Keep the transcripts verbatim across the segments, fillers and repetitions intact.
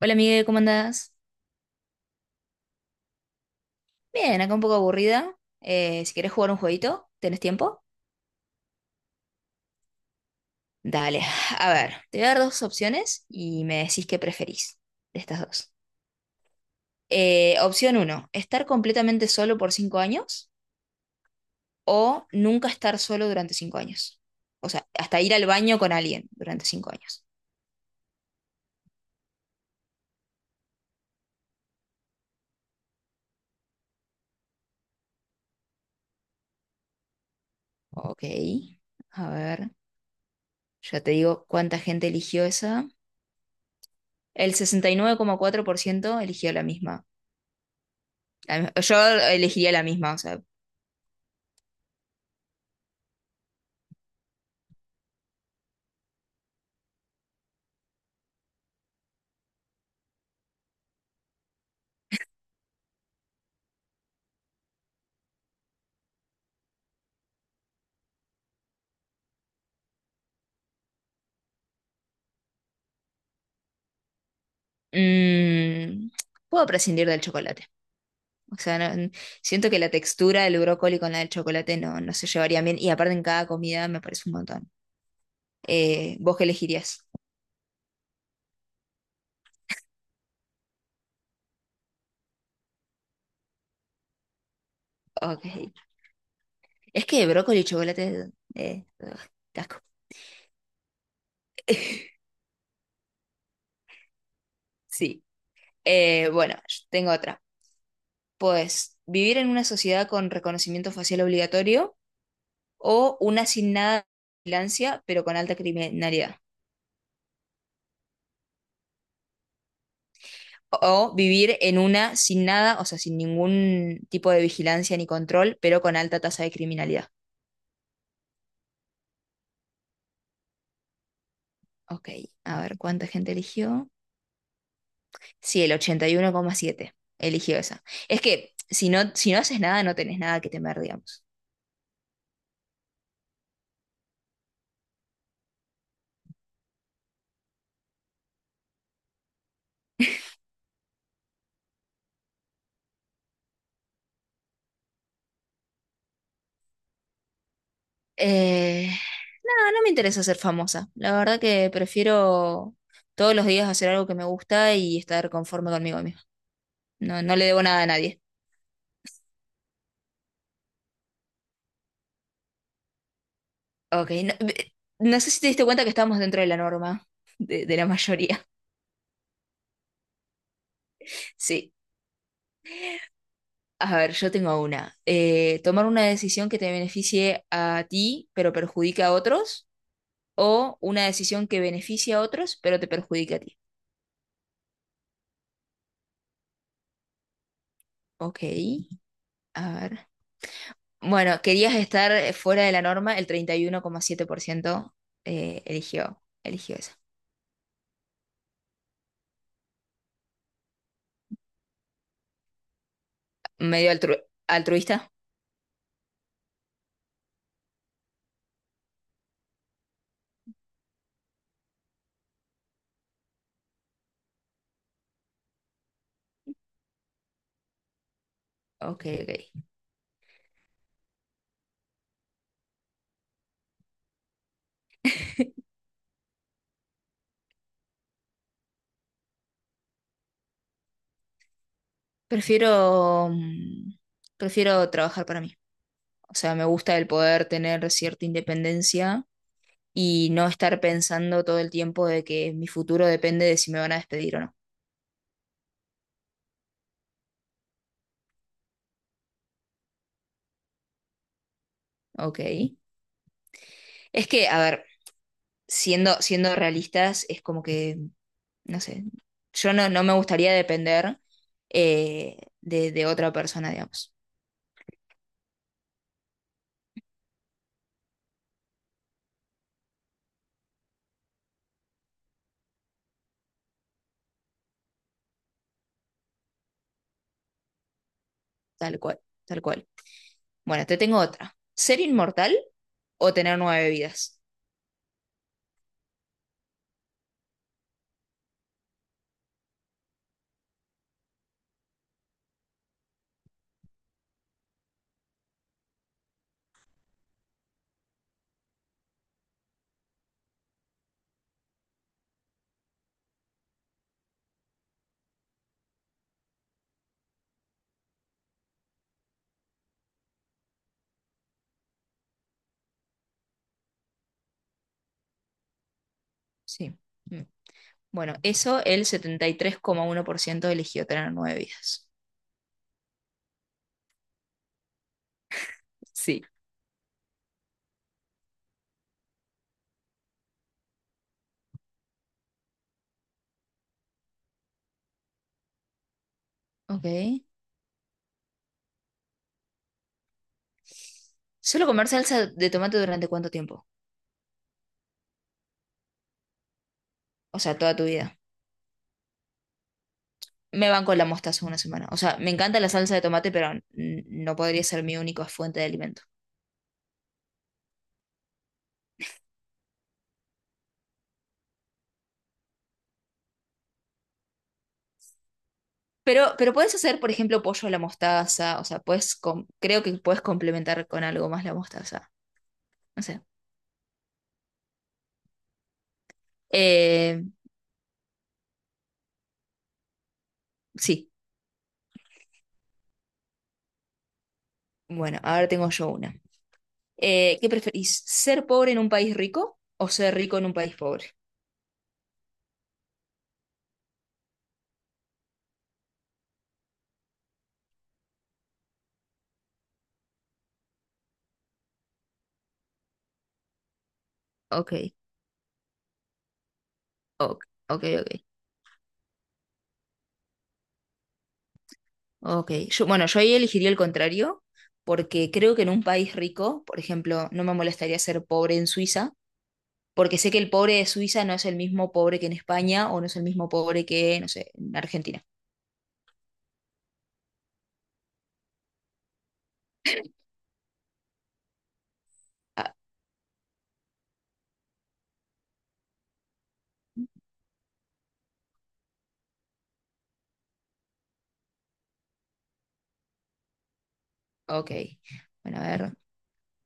Hola, Miguel, ¿cómo andás? Bien, acá un poco aburrida. Eh, si querés jugar un jueguito, ¿tenés tiempo? Dale, a ver, te voy a dar dos opciones y me decís qué preferís de estas dos. Eh, opción uno, estar completamente solo por cinco años o nunca estar solo durante cinco años. O sea, hasta ir al baño con alguien durante cinco años. Ok, a ver, ya te digo cuánta gente eligió esa. El sesenta y nueve coma cuatro por ciento eligió la misma. La mi- Yo elegiría la misma, o sea, Mm, puedo prescindir del chocolate. O sea, no- siento que la textura del brócoli con la del chocolate no, no se llevaría bien. Y aparte en cada comida me parece un montón. Eh, ¿vos qué elegirías? Ok. Es que brócoli y chocolate... Eh, ugh, qué asco. Sí. Eh, bueno, yo tengo otra. Pues vivir en una sociedad con reconocimiento facial obligatorio o una sin nada de vigilancia, pero con alta criminalidad. O vivir en una sin nada, o sea, sin ningún tipo de vigilancia ni control, pero con alta tasa de criminalidad. Ok, a ver, ¿cuánta gente eligió? Sí, el ochenta y uno coma siete eligió esa. Es que si no, si no haces nada, no tenés nada que temer, digamos. Eh, no, no me interesa ser famosa. La verdad que prefiero todos los días hacer algo que me gusta y estar conforme conmigo misma. No, no le debo nada a nadie. Ok, no, no sé si te diste cuenta que estamos dentro de la norma, de, de la mayoría. Sí. A ver, yo tengo una. Eh, tomar una decisión que te beneficie a ti, pero perjudique a otros, o una decisión que beneficie a otros, pero te perjudique a ti. Ok, a ver. Bueno, querías estar eh, fuera de la norma, el treinta y uno coma siete por ciento eh, eligió, eligió eso. Medio altru- altruista. Ok, ok. Prefiero, mm, prefiero trabajar para mí. O sea, me gusta el poder tener cierta independencia y no estar pensando todo el tiempo de que mi futuro depende de si me van a despedir o no. Ok. Es que, a ver, siendo, siendo realistas, es como que, no sé, yo no, no me gustaría depender eh, de, de otra persona, digamos. Tal cual, tal cual. Bueno, te tengo otra. ¿Ser inmortal o tener nueve vidas? Sí. Mm. Bueno, eso el setenta y tres coma uno por ciento eligió tener nueve vidas. Sí. Ok. ¿Solo comer salsa de tomate durante cuánto tiempo? O sea, toda tu vida. Me banco la mostaza una semana. O sea, me encanta la salsa de tomate, pero n- no podría ser mi única fuente de alimento. Pero, pero puedes hacer, por ejemplo, pollo a la mostaza. O sea, puedes com- creo que puedes complementar con algo más la mostaza. No sé. Eh, sí. Bueno, ahora tengo yo una. Eh, ¿qué preferís? ¿Ser pobre en un país rico o ser rico en un país pobre? Ok, ok, ok, ok. Ok. Yo, bueno, yo ahí elegiría el contrario, porque creo que en un país rico, por ejemplo, no me molestaría ser pobre en Suiza porque sé que el pobre de Suiza no es el mismo pobre que en España o no es el mismo pobre que, no sé, en Argentina. Ah, ok. Bueno, a ver.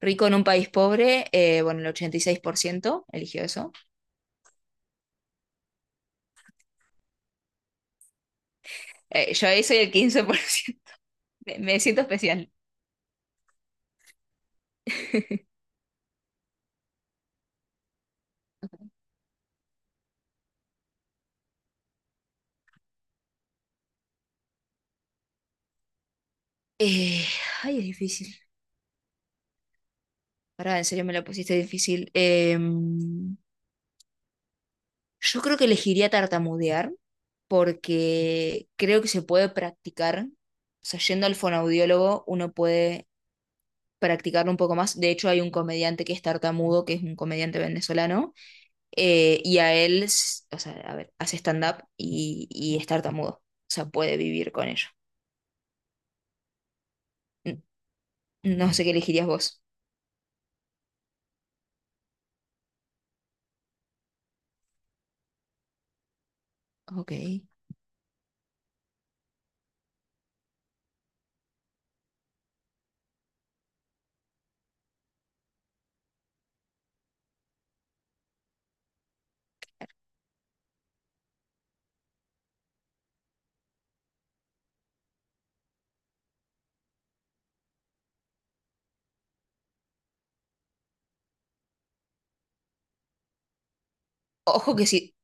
Rico en un país pobre, eh, bueno, el ochenta y seis por ciento eligió eso. Eh, yo ahí soy el quince por ciento. Me, me siento especial. Eh, Ay, es difícil. Pará, en serio me la pusiste difícil. Em, yo creo que elegiría tartamudear porque creo que se puede practicar. O sea, yendo al fonaudiólogo, uno puede practicarlo un poco más. De hecho, hay un comediante que es tartamudo, que es un comediante venezolano, eh, y a él, s- o sea, a ver, hace stand-up y, y es tartamudo. O sea, puede vivir con ello. N- No sé qué elegirías vos. Ok. Ojo que si,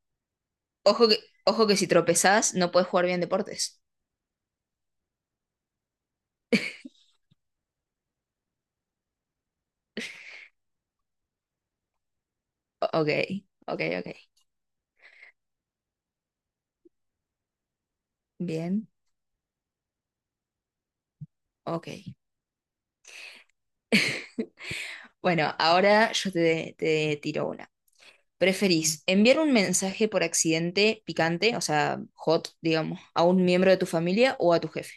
ojo que, ojo que si tropezás, no puedes jugar bien deportes. O- Ok, ok, ok. Bien. Ok. Bueno, ahora yo te, te tiro una. ¿Preferís enviar un mensaje por accidente picante, o sea, hot, digamos, a un miembro de tu familia o a tu jefe?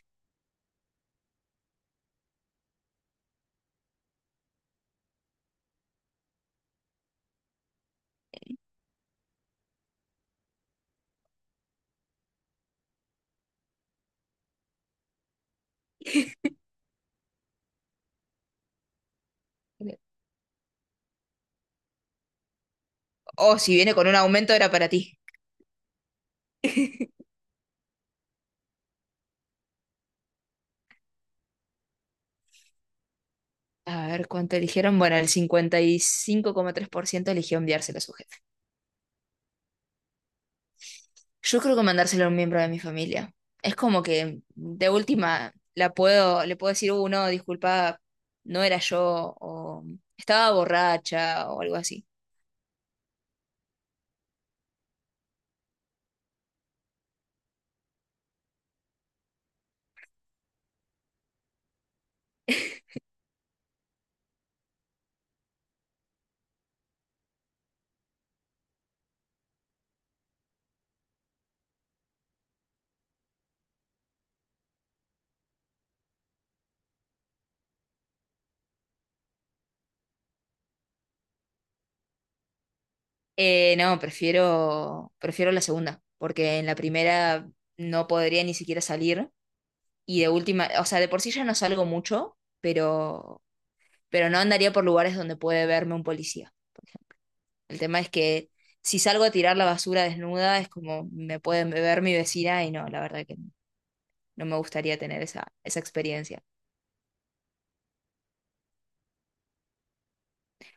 O si viene con un aumento era para ti. A ver, ¿cuánto eligieron? Bueno, el cincuenta y cinco coma tres por ciento eligió enviárselo a su jefe. Yo creo que mandárselo a un miembro de mi familia. Es como que de última la puedo, le puedo decir, uh, no disculpa, no era yo, o estaba borracha, o algo así. Eh, no, prefiero, prefiero la segunda, porque en la primera no podría ni siquiera salir y de última, o sea, de por sí ya no salgo mucho, pero, pero no andaría por lugares donde puede verme un policía, por ejemplo. El tema es que si salgo a tirar la basura desnuda es como me puede ver mi vecina y no, la verdad que no me gustaría tener esa, esa experiencia.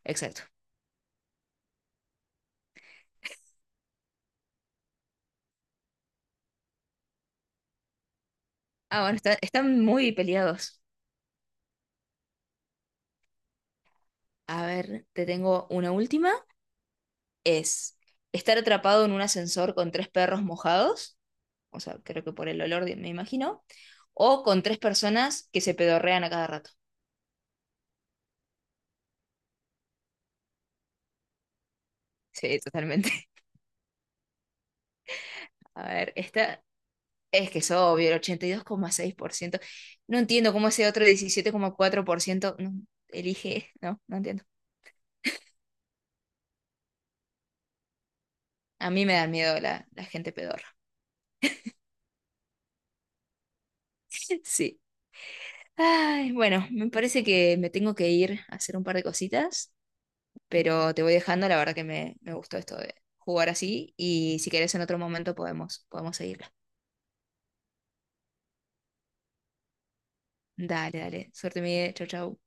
Exacto. Ah, bueno, está- están muy peleados. A ver, te tengo una última. Es estar atrapado en un ascensor con tres perros mojados, o sea, creo que por el olor me imagino, o con tres personas que se pedorrean a cada rato. Sí, totalmente. A ver, esta es que es obvio, el ochenta y dos coma seis por ciento. No entiendo cómo ese otro diecisiete coma cuatro por ciento no elige, no, no entiendo. A mí me da miedo la, la gente pedorra. Sí. Ay, bueno, me parece que me tengo que ir a hacer un par de cositas. Pero te voy dejando, la verdad que me, me gustó esto de jugar así y si querés en otro momento podemos, podemos seguirla. Dale, dale, suerte Miguel, chau, chau.